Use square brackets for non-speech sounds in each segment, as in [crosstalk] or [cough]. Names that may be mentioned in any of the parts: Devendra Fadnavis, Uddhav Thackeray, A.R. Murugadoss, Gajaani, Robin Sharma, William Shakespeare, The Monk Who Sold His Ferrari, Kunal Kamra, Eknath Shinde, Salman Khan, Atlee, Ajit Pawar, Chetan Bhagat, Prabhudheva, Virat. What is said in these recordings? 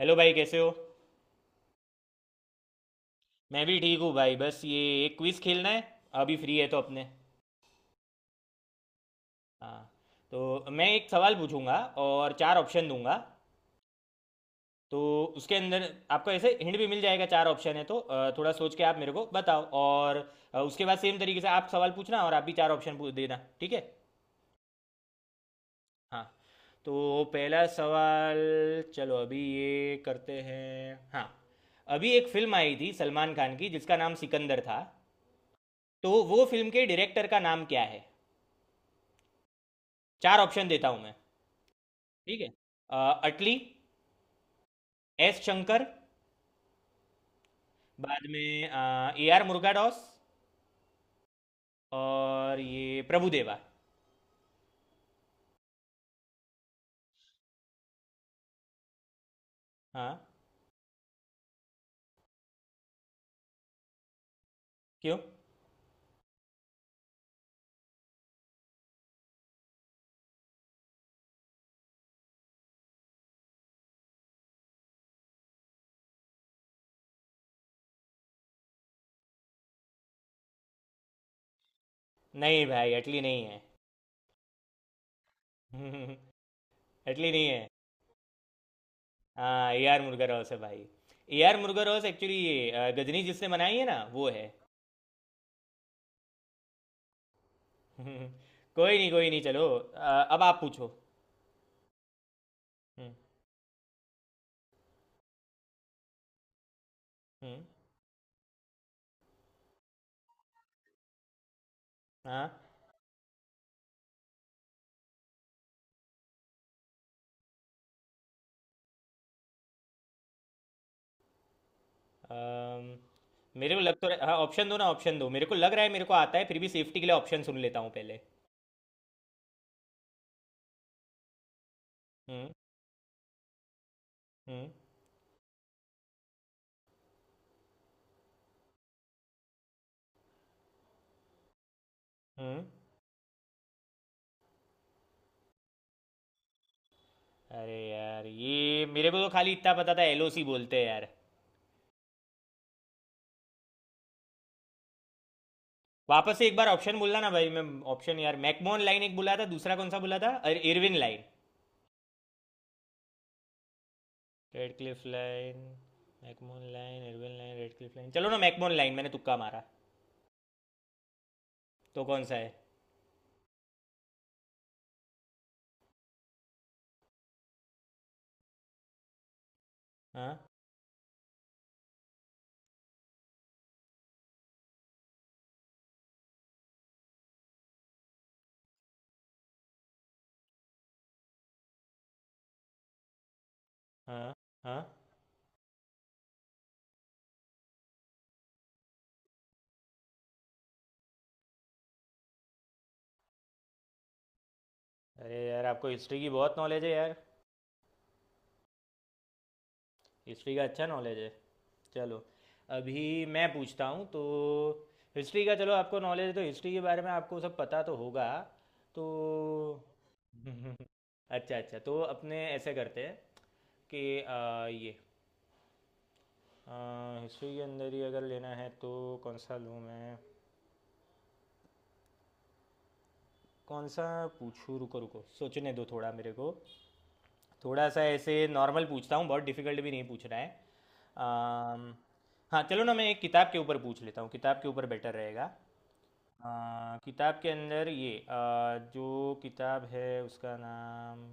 Hello भाई, कैसे हो? मैं भी ठीक हूँ भाई। बस ये एक क्विज़ खेलना है। अभी फ्री है तो अपने। हाँ। तो मैं एक सवाल पूछूंगा और चार ऑप्शन दूंगा। तो उसके अंदर आपको ऐसे हिंट भी मिल जाएगा। चार ऑप्शन है, तो थोड़ा सोच के आप मेरे को बताओ। और उसके बाद सेम तरीके से आप सवाल पूछना, और आप भी चार ऑप्शन पूछ देना, ठीक है? हाँ। तो पहला सवाल। चलो अभी ये करते हैं। हाँ। अभी एक फिल्म आई थी सलमान खान की, जिसका नाम सिकंदर था। तो वो फिल्म के डायरेक्टर का नाम क्या है? चार ऑप्शन देता हूँ मैं। ठीक है। अटली, एस शंकर, बाद में ए आर मुर्गाडॉस और ये प्रभुदेवा। हाँ। क्यों? नहीं भाई, अटली नहीं है। [laughs] अटली नहीं है। हाँ, ए आर मुर्गाडॉस है भाई। ए आर मुर्गाडॉस एक्चुअली ये गजनी जिसने बनाई है ना, वो है। [laughs] कोई नहीं, कोई नहीं, चलो अब आप पूछो। हम्म। हम्म। हाँ। अम, मेरे को लग तो रहा, हाँ ऑप्शन दो ना, ऑप्शन दो। मेरे को लग रहा है, मेरे को आता है, फिर भी सेफ्टी के लिए ऑप्शन सुन लेता हूँ पहले। हम्म। हम्म। हम्म। अरे यार, ये मेरे को तो खाली इतना पता था, एलओसी बोलते हैं यार। वापस से एक बार ऑप्शन बोलना ना भाई, मैं। ऑप्शन यार, मैकमोहन लाइन एक बोला था, दूसरा कौन सा बोला था? अरे, Irwin line. Radcliffe line. McMahon line, Irwin line, Radcliffe line. चलो ना, मैकमोहन लाइन, मैंने तुक्का मारा। तो कौन सा है? हाँ, हाँ, हाँ। अरे यार, आपको हिस्ट्री की बहुत नॉलेज है यार। हिस्ट्री का अच्छा नॉलेज है। चलो। अभी मैं पूछता हूँ तो। हिस्ट्री का, चलो, आपको नॉलेज है तो हिस्ट्री के बारे में आपको सब पता तो होगा। तो। [laughs] अच्छा अच्छा, तो अपने ऐसे करते हैं, कि ये हिस्ट्री के अंदर ही अगर लेना है तो कौन सा लूँ मैं, कौन सा पूछूँ? रुको रुको, सोचने दो थोड़ा मेरे को। थोड़ा सा ऐसे नॉर्मल पूछता हूँ, बहुत डिफिकल्ट भी नहीं पूछ रहा है। अम, हाँ चलो ना, मैं एक किताब के ऊपर पूछ लेता हूँ, किताब के ऊपर बेटर रहेगा। किताब के अंदर ये जो किताब है उसका नाम।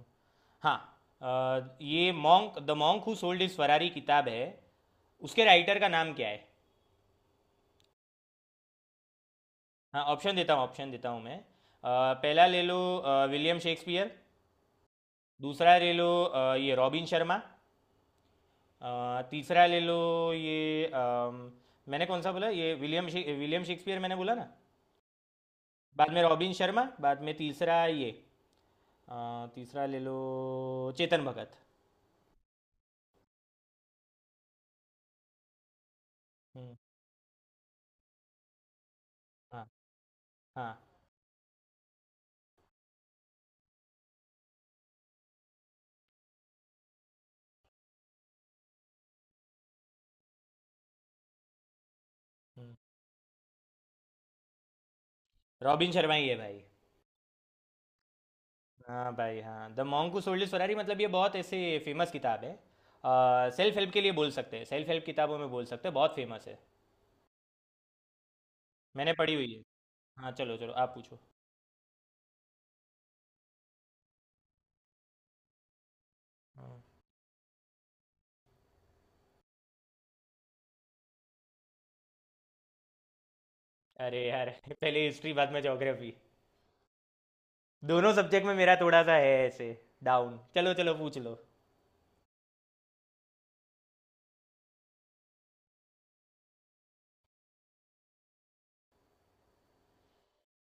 हाँ। आ, ये monk the monk who sold his Ferrari किताब है। उसके राइटर का नाम क्या है? हाँ। ऑप्शन देता हूँ, ऑप्शन देता हूँ मैं। पहला ले लो, विलियम शेक्सपियर। दूसरा ले लो, ये रॉबिन शर्मा। तीसरा ले लो, ये मैंने कौन सा बोला? ये विलियम शेक्सपियर मैंने बोला ना। बाद में रॉबिन शर्मा, बाद में तीसरा ये तीसरा ले लो, चेतन भगत। हम्म। हाँ, हाँ। हम्म। रॉबिन शर्मा ही है भाई। हाँ भाई हाँ, the monk who sold his Ferrari, मतलब ये बहुत ऐसे फेमस किताब है। सेल्फ हेल्प के लिए बोल सकते हैं, सेल्फ हेल्प किताबों में बोल सकते हैं, बहुत फेमस है। मैंने पढ़ी हुई है। हाँ चलो चलो, आप पूछो। हाँ। अरे यार, [laughs] पहले हिस्ट्री, बाद में ज्योग्राफी। दोनों सब्जेक्ट में मेरा थोड़ा सा है ऐसे डाउन। चलो चलो, पूछ लो।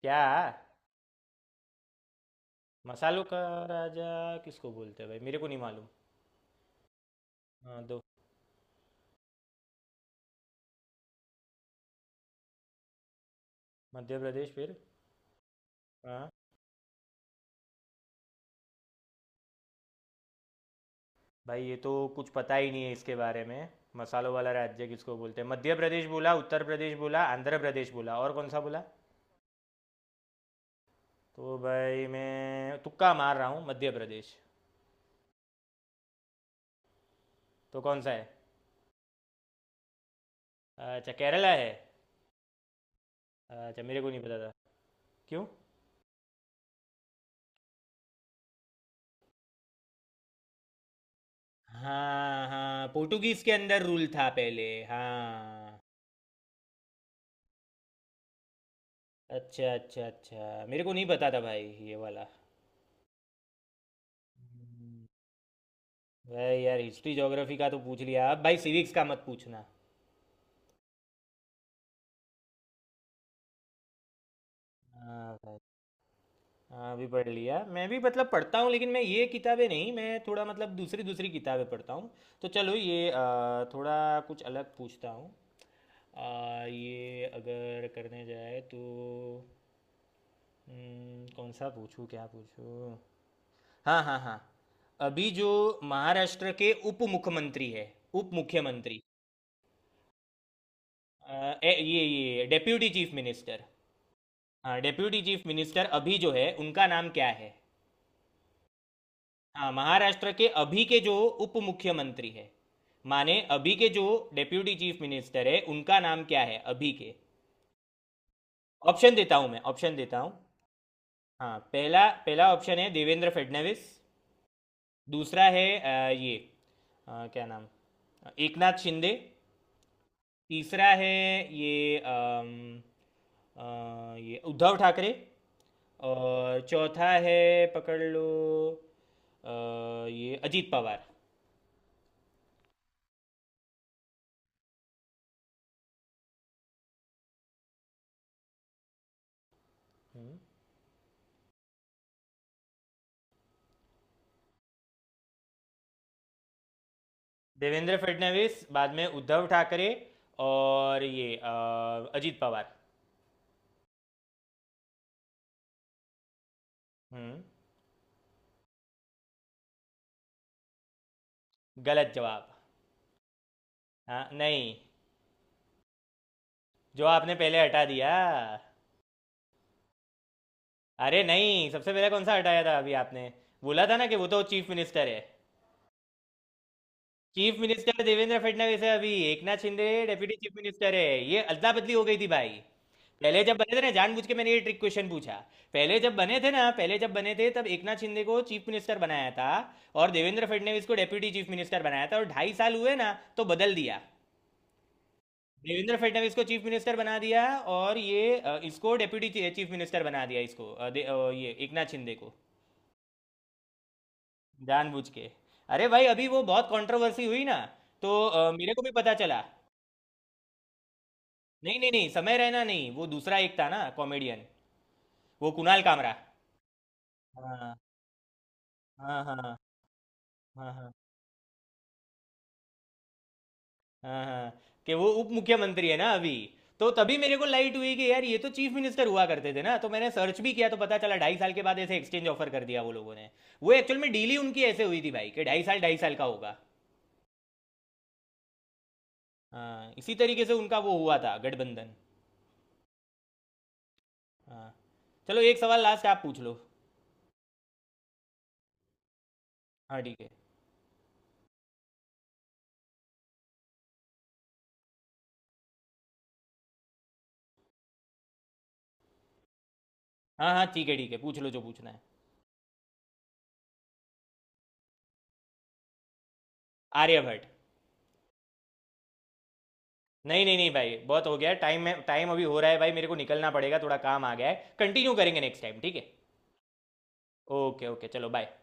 क्या? मसालों का राजा? किसको बोलते हैं भाई, मेरे को नहीं मालूम। हाँ, दो। मध्य प्रदेश, फिर? आ, भाई ये तो कुछ पता ही नहीं है इसके बारे में। मसालों वाला राज्य किसको बोलते हैं? मध्य प्रदेश बोला, उत्तर प्रदेश बोला, आंध्र प्रदेश बोला और कौन सा बोला? तो भाई मैं तुक्का मार रहा हूँ, मध्य प्रदेश। तो कौन सा है? अच्छा, केरला है। अच्छा, मेरे को नहीं पता था। क्यों? हाँ हाँ, पोर्टुगीज के अंदर रूल था पहले, हाँ। अच्छा अच्छा अच्छा, मेरे को नहीं पता था भाई, ये वाला। हम्म। भाई यार, हिस्ट्री ज्योग्राफी का तो पूछ लिया, अब भाई सिविक्स का मत पूछना। हाँ भाई। हाँ, अभी पढ़ लिया मैं भी, मतलब पढ़ता हूँ, लेकिन मैं ये किताबें नहीं, मैं थोड़ा मतलब दूसरी दूसरी किताबें पढ़ता हूँ। तो चलो ये थोड़ा कुछ अलग पूछता हूँ। ये अगर करने जाए तो। कौन सा पूछूँ, क्या पूछूँ? हाँ, हाँ, हाँ। अभी जो महाराष्ट्र के उप मुख्यमंत्री है, उप मुख्यमंत्री, अ, ये डेप्यूटी चीफ मिनिस्टर। हाँ, डेप्यूटी चीफ मिनिस्टर अभी जो है उनका नाम क्या है? हाँ, महाराष्ट्र के अभी के जो उप मुख्यमंत्री है, माने अभी के जो डेप्यूटी चीफ मिनिस्टर है उनका नाम क्या है अभी के? ऑप्शन देता हूँ मैं, ऑप्शन देता हूँ। हाँ, पहला पहला ऑप्शन है देवेंद्र फडणवीस। दूसरा है ये क्या नाम, एकनाथ शिंदे। तीसरा है ये अम, ये उद्धव ठाकरे। और चौथा है, पकड़ लो अ, ये अजीत पवार। देवेंद्र फडणवीस, बाद में उद्धव ठाकरे और ये अजीत पवार। हम्म। गलत जवाब। हाँ, नहीं। जो आपने पहले हटा दिया। अरे नहीं, सबसे पहले कौन सा हटाया था अभी आपने? बोला था ना कि वो तो चीफ मिनिस्टर है। चीफ मिनिस्टर देवेंद्र फडणवीस है अभी, Eknath Shinde deputy chief minister है। ये अदला बदली हो गई थी भाई। पहले जब बने थे ना, जानबूझ के मैंने ये ट्रिक क्वेश्चन पूछा। पहले जब बने थे ना, पहले जब बने थे तब एकनाथ शिंदे को चीफ मिनिस्टर बनाया था, और देवेंद्र फडणवीस को डेप्यूटी चीफ मिनिस्टर बनाया था, और 2.5 साल हुए ना, तो बदल दिया। देवेंद्र फडणवीस को चीफ मिनिस्टर बना दिया, और ये इसको डेप्यूटी चीफ मिनिस्टर बना दिया, इसको ये एकनाथ शिंदे को। जानबूझ के। अरे भाई, अभी वो बहुत कंट्रोवर्सी हुई ना, तो मेरे को भी पता चला। नहीं नहीं नहीं, समय रहना नहीं, वो दूसरा एक था ना कॉमेडियन, वो कुणाल कामरा। हाँ, हाँ, हाँ। हाँ। हाँ, हाँ, हाँ, कि वो उप मुख्यमंत्री है ना अभी। तो तभी मेरे को लाइट हुई कि यार, ये तो चीफ मिनिस्टर हुआ करते थे ना, तो मैंने सर्च भी किया, तो पता चला 2.5 साल के बाद ऐसे एक्सचेंज ऑफर कर दिया वो लोगों ने। वो एक्चुअल में डील ही उनकी ऐसे हुई थी भाई, कि 2.5 साल 2.5 साल का होगा। हाँ, इसी तरीके से उनका वो हुआ था गठबंधन। हाँ, चलो एक सवाल लास्ट आप पूछ लो। हाँ, ठीक है। हाँ हाँ, ठीक है, ठीक है, पूछ लो जो पूछना है। आर्यभट्ट। नहीं नहीं नहीं भाई, बहुत हो गया है। टाइम में टाइम अभी हो रहा है भाई, मेरे को निकलना पड़ेगा, थोड़ा काम आ गया है। कंटिन्यू करेंगे नेक्स्ट टाइम, ठीक है? ओके ओके चलो, बाय।